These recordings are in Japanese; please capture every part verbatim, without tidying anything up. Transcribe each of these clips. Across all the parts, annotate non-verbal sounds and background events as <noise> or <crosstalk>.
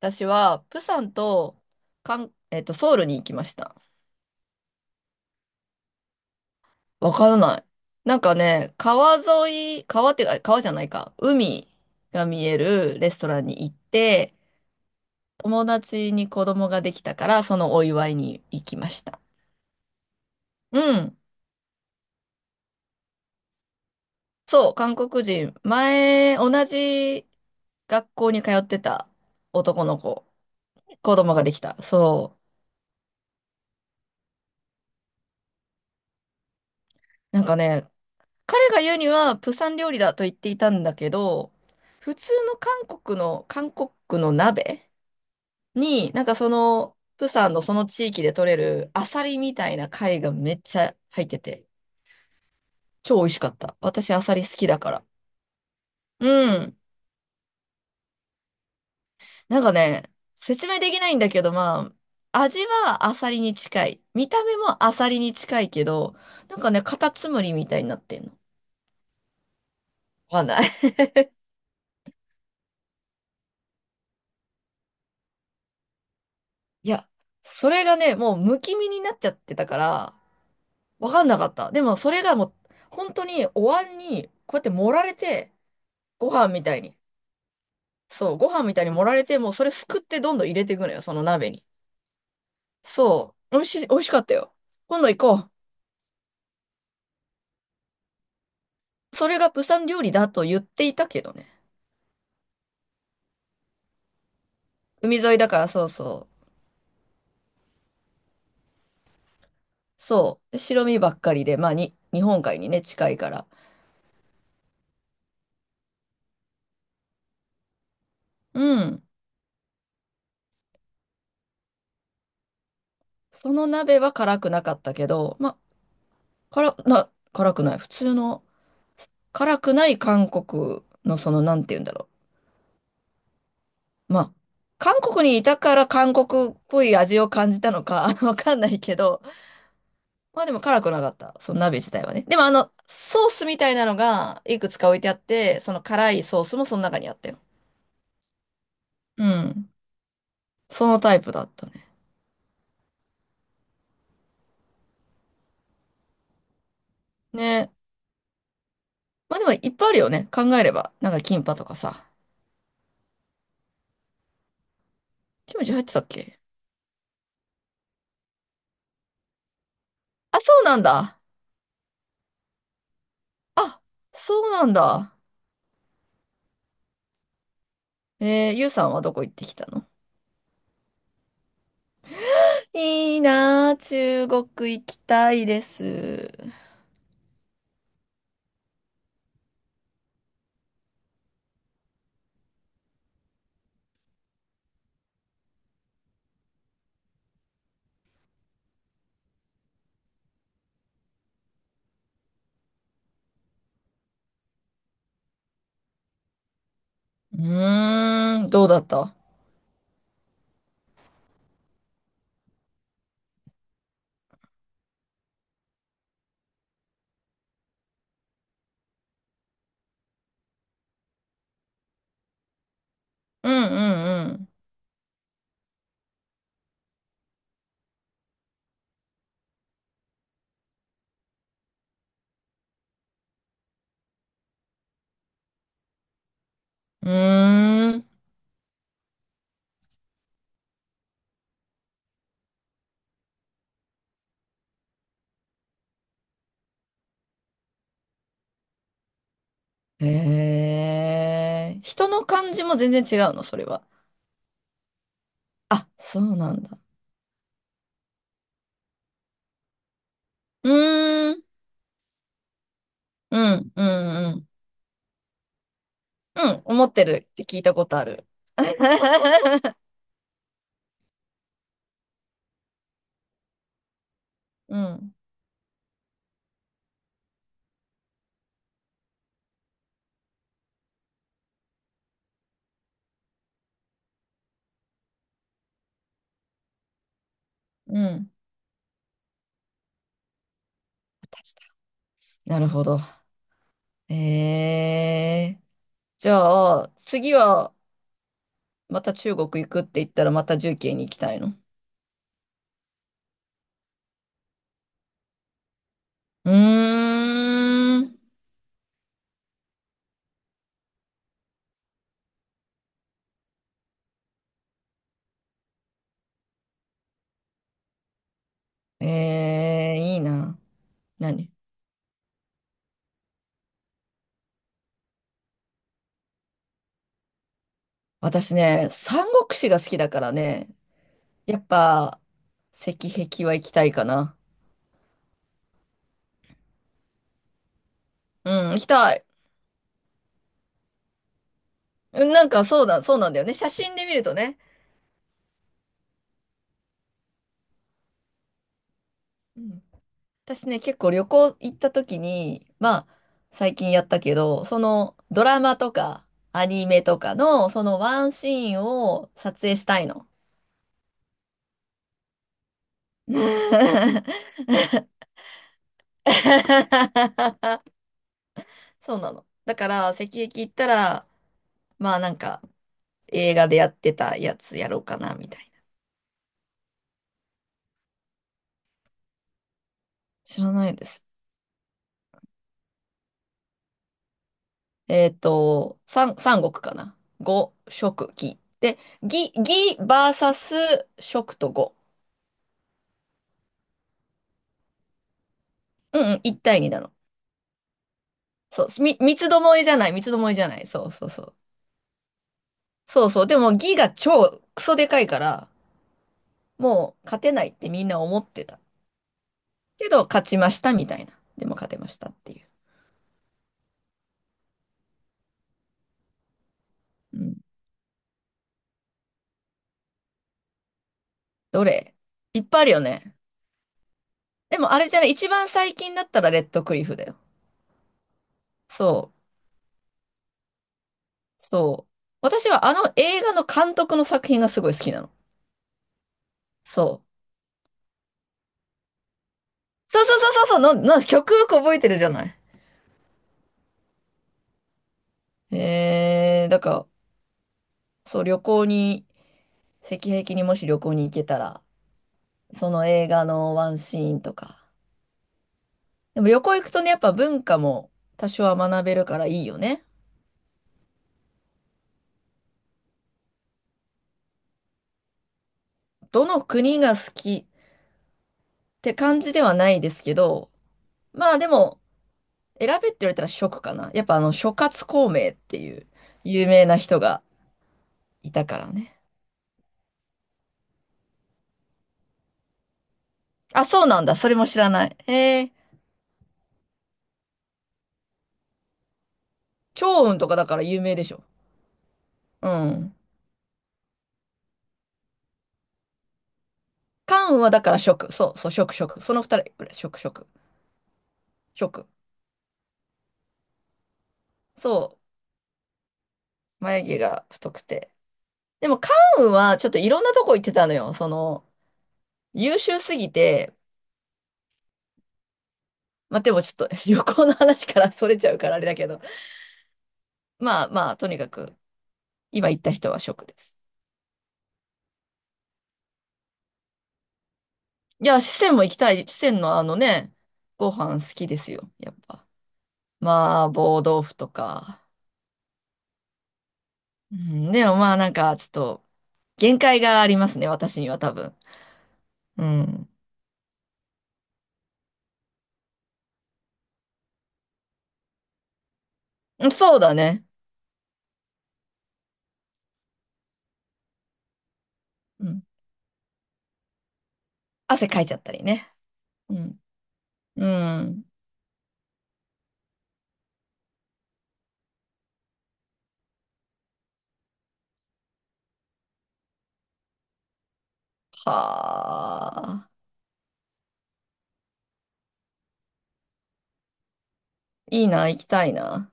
私は、プサンと、かん、えっと、ソウルに行きました。わからない。なんかね、川沿い、川ってか、川じゃないか、海が見えるレストランに行って、友達に子供ができたから、そのお祝いに行きました。うん。そう、韓国人。前、同じ学校に通ってた男の子、子供ができた。そう。なんかね、彼が言うには、プサン料理だと言っていたんだけど、普通の、韓国の、韓国の鍋に、なんかその、プサンのその地域で取れるアサリみたいな貝がめっちゃ入ってて、超美味しかった。私アサリ好きだから。うん。なんかね、説明できないんだけど、まあ、味はアサリに近い。見た目もアサリに近いけど、なんかね、カタツムリみたいになってんの。わかんない。<laughs> いや、それがね、もうむき身になっちゃってたから、わかんなかった。でもそれがもう、本当にお椀に、こうやって盛られて、ご飯みたいに。そう、ご飯みたいに盛られて、もうそれすくってどんどん入れていくのよ、その鍋に。そう、美味しい、美味しかったよ。今度行こう。それが釜山料理だと言っていたけどね。海沿いだからそうそう。そう。で白身ばっかりで、まあに、日本海にね、近いから。うん。その鍋は辛くなかったけど、まあ、辛、な、辛くない。普通の、辛くない韓国のその、なんて言うんだろう。まあ、韓国にいたから韓国っぽい味を感じたのか、<laughs> わかんないけど、まあでも辛くなかった。その鍋自体はね。でもあの、ソースみたいなのがいくつか置いてあって、その辛いソースもその中にあったよ。うん。そのタイプだったね。ね。まあでもいっぱいあるよね。考えれば。なんかキンパとかさ。キムチ入ってたっけ？あ、そうなんだ。あ、そうなんだ。えー、ゆうさんはどこ行ってきたの？いいなあ中国行きたいです。うーん、どうだった？うんうんうん。うーん。へえ、人の感じも全然違うの、それは。あ、そうなんだ。うーん、うん、うん、うん。うん、思ってるって聞いたことある。<laughs> うん、うん。私だなるほど。へえ。じゃあ、次はまた中国行くって言ったらまた重慶に行きたいの？うーん。ええ、いいな。何？私ね、三国志が好きだからね、やっぱ、石壁は行きたいかな。うん、行きたい。うん、なんかそうだ、そうなんだよね。写真で見るとね。うん、私ね、結構旅行行った時に、まあ、最近やったけど、そのドラマとかアニメとかの、そのワンシーンを撮影したいの。<laughs> そうなの。だから、石壁行ったら、まあなんか、映画でやってたやつやろうかな、みたいな。知らないです。えっと、三、三国かな。五、食、義。で、義、義バーサス食と五。うんうん、一対二なの。そう、み、三つどもえじゃない、三つどもえじゃない。そうそうそう。そうそう。でも義が超クソでかいから、もう勝てないってみんな思ってた。けど、勝ちましたみたいな。でも勝てましたっていう。うん。どれ？いっぱいあるよね。でもあれじゃない、一番最近だったらレッドクリフだよ。そう。そう。私はあの映画の監督の作品がすごい好きなの。そう。そうそうそうそうそう、な、な、曲よく覚えてるじゃない。えー、だから、そう、旅行に、赤壁にもし旅行に行けたら、その映画のワンシーンとか。でも旅行行くとね、やっぱ文化も多少は学べるからいいよね。どの国が好きって感じではないですけど、まあでも、選べって言われたら食かな。やっぱあの諸葛孔明っていう有名な人がいたからね。あ、そうなんだ。それも知らない。へえ。趙雲とかだから有名でしょ。うん。関羽はだから食。そうそう、食食。その二人これ食食。食。そう。眉毛が太くて。でも関羽はちょっといろんなとこ行ってたのよ。その、優秀すぎて、まあ、でもちょっと <laughs> 旅行の話からそれちゃうからあれだけど。まあまあ、とにかく、今行った人は食です。いや、四川も行きたい。四川のあのね、ご飯好きですよ。やっぱ。麻婆豆腐とか。うん、でもまあなんかちょっと限界がありますね、私には多分。うん。うん、そうだね。うん。汗かいちゃったりね。うん。うん。はあ。いいな、行きたいな。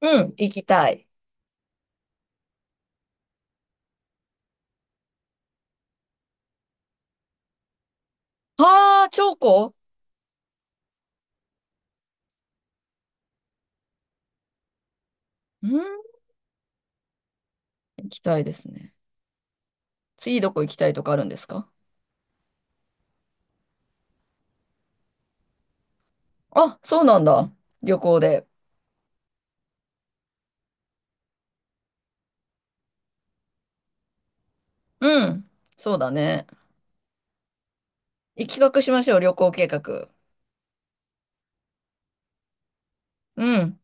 うん、行きたい。はあ、チョコ。うん、行きたいですね。次どこ行きたいとかあるんですか？あ、そうなんだ。旅行で。うん、そうだね。企画しましょう、旅行計画。うん。